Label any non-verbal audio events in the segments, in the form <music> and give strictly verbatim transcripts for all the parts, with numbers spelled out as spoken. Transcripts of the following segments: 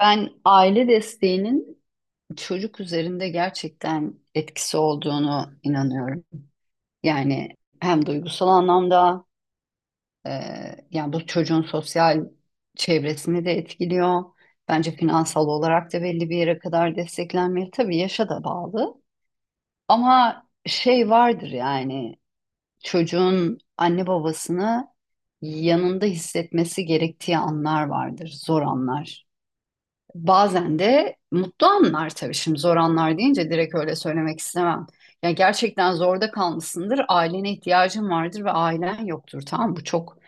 Ben aile desteğinin çocuk üzerinde gerçekten etkisi olduğunu inanıyorum. Yani hem duygusal anlamda e, yani bu çocuğun sosyal çevresini de etkiliyor. Bence finansal olarak da belli bir yere kadar desteklenmeli. Tabii yaşa da bağlı. Ama şey vardır yani çocuğun anne babasını yanında hissetmesi gerektiği anlar vardır, zor anlar. Bazen de mutlu anlar tabii şimdi zor anlar deyince direkt öyle söylemek istemem. Ya gerçekten zorda kalmışsındır, ailene ihtiyacın vardır ve ailen yoktur tamam mı? Bu çok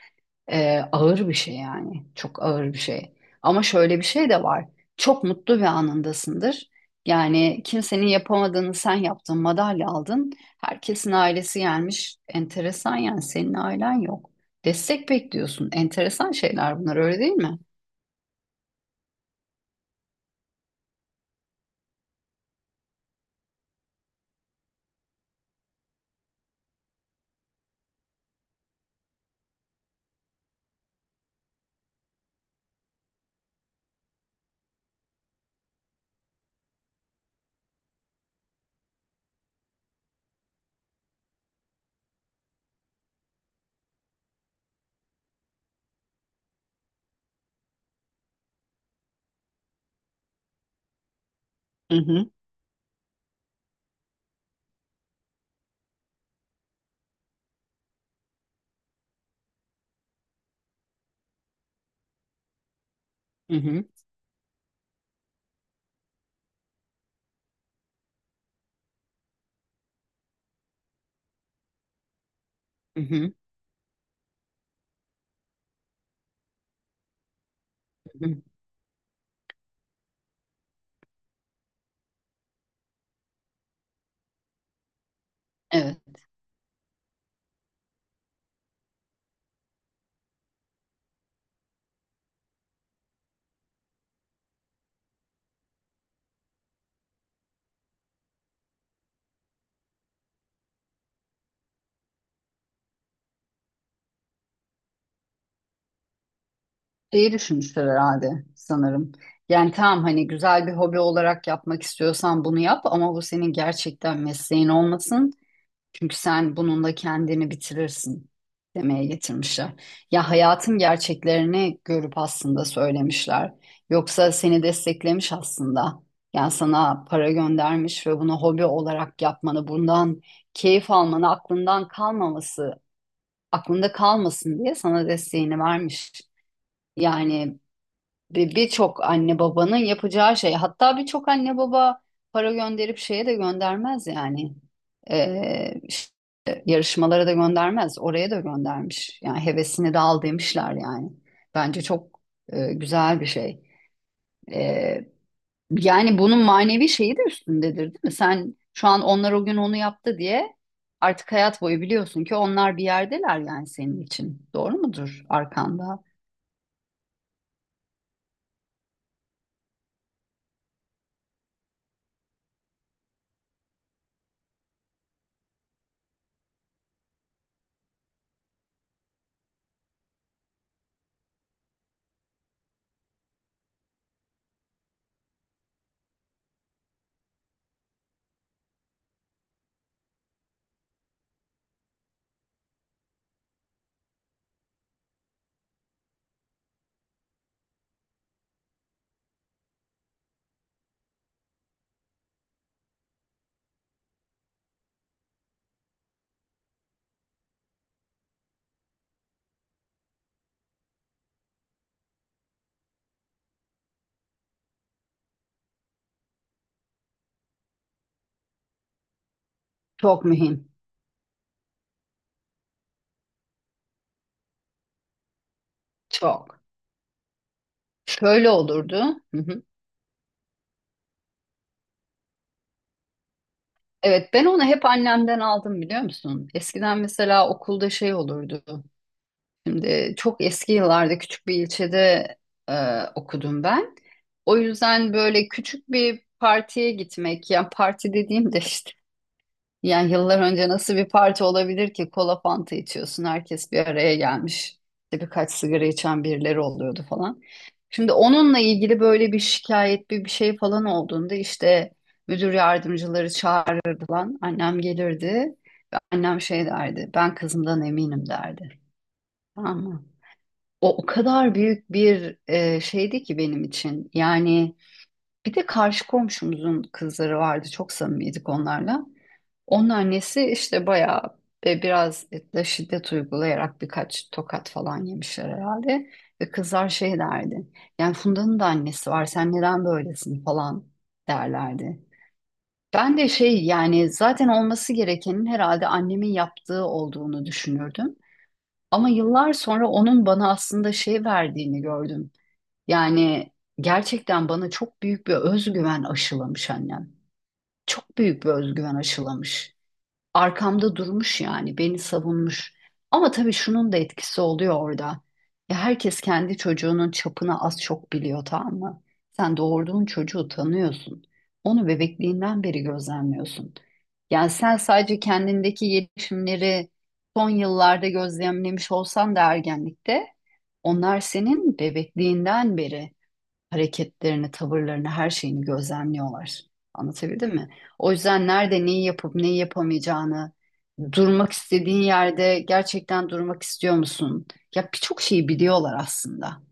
e, ağır bir şey yani çok ağır bir şey. Ama şöyle bir şey de var. Çok mutlu bir anındasındır. Yani kimsenin yapamadığını sen yaptın, madalya aldın. Herkesin ailesi gelmiş. Enteresan yani senin ailen yok. Destek bekliyorsun. Enteresan şeyler bunlar öyle değil mi? Hı hı, hı hı, hı hı. Hı hı. Evet, şeyi düşünmüşler herhalde sanırım. Yani tamam hani güzel bir hobi olarak yapmak istiyorsan bunu yap ama bu senin gerçekten mesleğin olmasın. Çünkü sen bununla kendini bitirirsin demeye getirmişler. Ya hayatın gerçeklerini görüp aslında söylemişler. Yoksa seni desteklemiş aslında. Yani sana para göndermiş ve bunu hobi olarak yapmanı, bundan keyif almanı, aklından kalmaması, aklında kalmasın diye sana desteğini vermiş. Yani Bir- birçok anne babanın yapacağı şey. Hatta birçok anne baba para gönderip şeye de göndermez yani. Ee, işte yarışmalara da göndermez. Oraya da göndermiş. Yani hevesini de al demişler yani. Bence çok e, güzel bir şey. Ee, yani bunun manevi şeyi de üstündedir değil mi? Sen şu an onlar o gün onu yaptı diye artık hayat boyu biliyorsun ki onlar bir yerdeler yani senin için. Doğru mudur arkanda? Çok mühim. Çok. Şöyle olurdu. Hı hı. Evet ben onu hep annemden aldım biliyor musun? Eskiden mesela okulda şey olurdu. Şimdi çok eski yıllarda küçük bir ilçede e, okudum ben. O yüzden böyle küçük bir partiye gitmek, yani parti dediğim de işte yani yıllar önce nasıl bir parti olabilir ki kola fanta içiyorsun herkes bir araya gelmiş. İşte birkaç sigara içen birileri oluyordu falan. Şimdi onunla ilgili böyle bir şikayet bir, bir şey falan olduğunda işte müdür yardımcıları çağırırdı lan. Annem gelirdi ve annem şey derdi ben kızımdan eminim derdi. Tamam mı? O, o kadar büyük bir e, şeydi ki benim için. Yani bir de karşı komşumuzun kızları vardı çok samimiydik onlarla. Onun annesi işte bayağı ve biraz da şiddet uygulayarak birkaç tokat falan yemişler herhalde. Ve kızlar şey derdi. Yani Funda'nın da annesi var. Sen neden böylesin falan derlerdi. Ben de şey yani zaten olması gerekenin herhalde annemin yaptığı olduğunu düşünürdüm. Ama yıllar sonra onun bana aslında şey verdiğini gördüm. Yani gerçekten bana çok büyük bir özgüven aşılamış annem. Çok büyük bir özgüven aşılamış arkamda durmuş yani beni savunmuş. Ama tabii şunun da etkisi oluyor orada. Ya herkes kendi çocuğunun çapını az çok biliyor tamam mı? Sen doğurduğun çocuğu tanıyorsun. Onu bebekliğinden beri gözlemliyorsun. Yani sen sadece kendindeki gelişimleri son yıllarda gözlemlemiş olsan da ergenlikte onlar senin bebekliğinden beri hareketlerini, tavırlarını, her şeyini gözlemliyorlar. Anlatabildim mi? O yüzden nerede neyi yapıp neyi yapamayacağını, durmak istediğin yerde gerçekten durmak istiyor musun? Ya birçok şeyi biliyorlar aslında.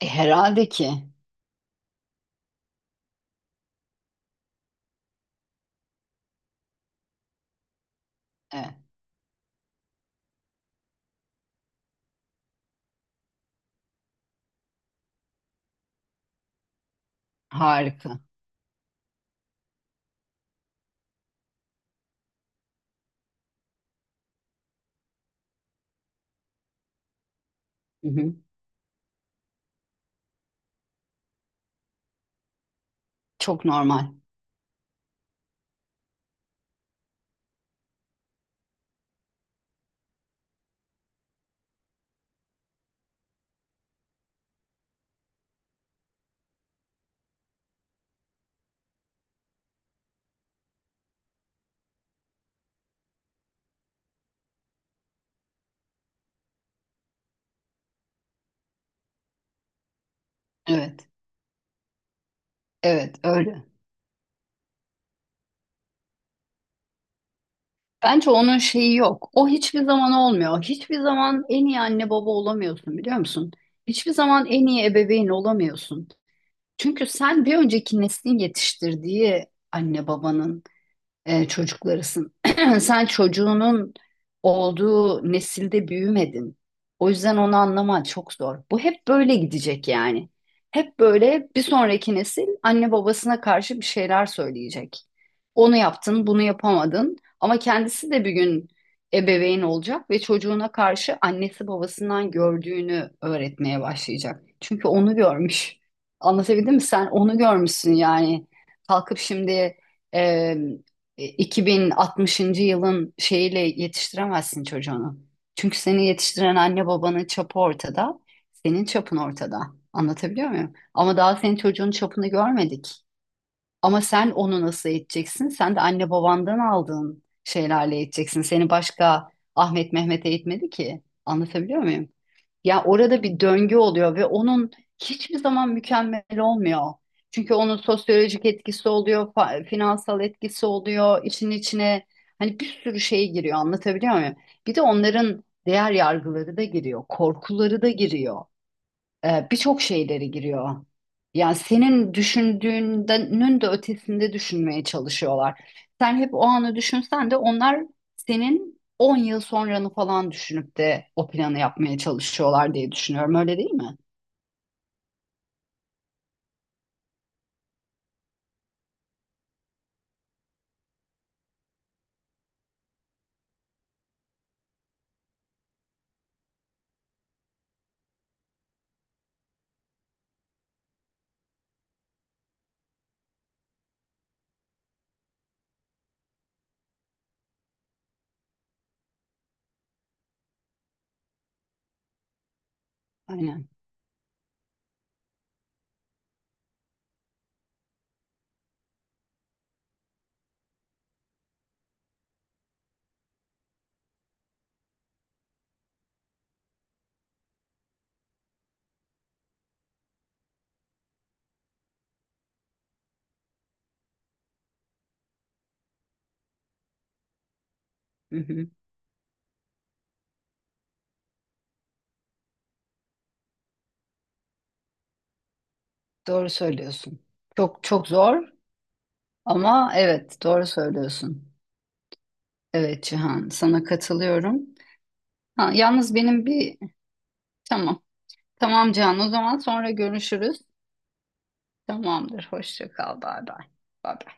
E, herhalde ki. Evet, harika. Hı hı. Çok normal. Evet, evet öyle. Bence onun şeyi yok. O hiçbir zaman olmuyor. Hiçbir zaman en iyi anne baba olamıyorsun biliyor musun? Hiçbir zaman en iyi ebeveyn olamıyorsun. Çünkü sen bir önceki neslin yetiştirdiği anne babanın e, çocuklarısın. <clears throat> Sen çocuğunun olduğu nesilde büyümedin. O yüzden onu anlaman çok zor. Bu hep böyle gidecek yani. Hep böyle bir sonraki nesil anne babasına karşı bir şeyler söyleyecek. Onu yaptın, bunu yapamadın. Ama kendisi de bir gün ebeveyn olacak ve çocuğuna karşı annesi babasından gördüğünü öğretmeye başlayacak. Çünkü onu görmüş. Anlatabildim mi? Sen onu görmüşsün yani. Kalkıp şimdi e, iki bin altmışıncı. yılın şeyiyle yetiştiremezsin çocuğunu. Çünkü seni yetiştiren anne babanın çapı ortada, senin çapın ortada. Anlatabiliyor muyum? Ama daha senin çocuğun çapını görmedik. Ama sen onu nasıl eğiteceksin? Sen de anne babandan aldığın şeylerle eğiteceksin. Seni başka Ahmet Mehmet eğitmedi ki. Anlatabiliyor muyum? Ya orada bir döngü oluyor ve onun hiçbir zaman mükemmel olmuyor. Çünkü onun sosyolojik etkisi oluyor, fa- finansal etkisi oluyor, işin içine hani bir sürü şey giriyor anlatabiliyor muyum? Bir de onların değer yargıları da giriyor, korkuları da giriyor e, birçok şeyleri giriyor. Yani senin düşündüğünün de ötesinde düşünmeye çalışıyorlar. Sen hep o anı düşünsen de onlar senin on yıl sonranı falan düşünüp de o planı yapmaya çalışıyorlar diye düşünüyorum. Öyle değil mi? Aynen. Hı hı. Doğru söylüyorsun. Çok çok zor ama evet doğru söylüyorsun. Evet Cihan sana katılıyorum. Ha, yalnız benim bir tamam. Tamam Cihan o zaman sonra görüşürüz. Tamamdır. Hoşça kal. Bay bay. Bay bay.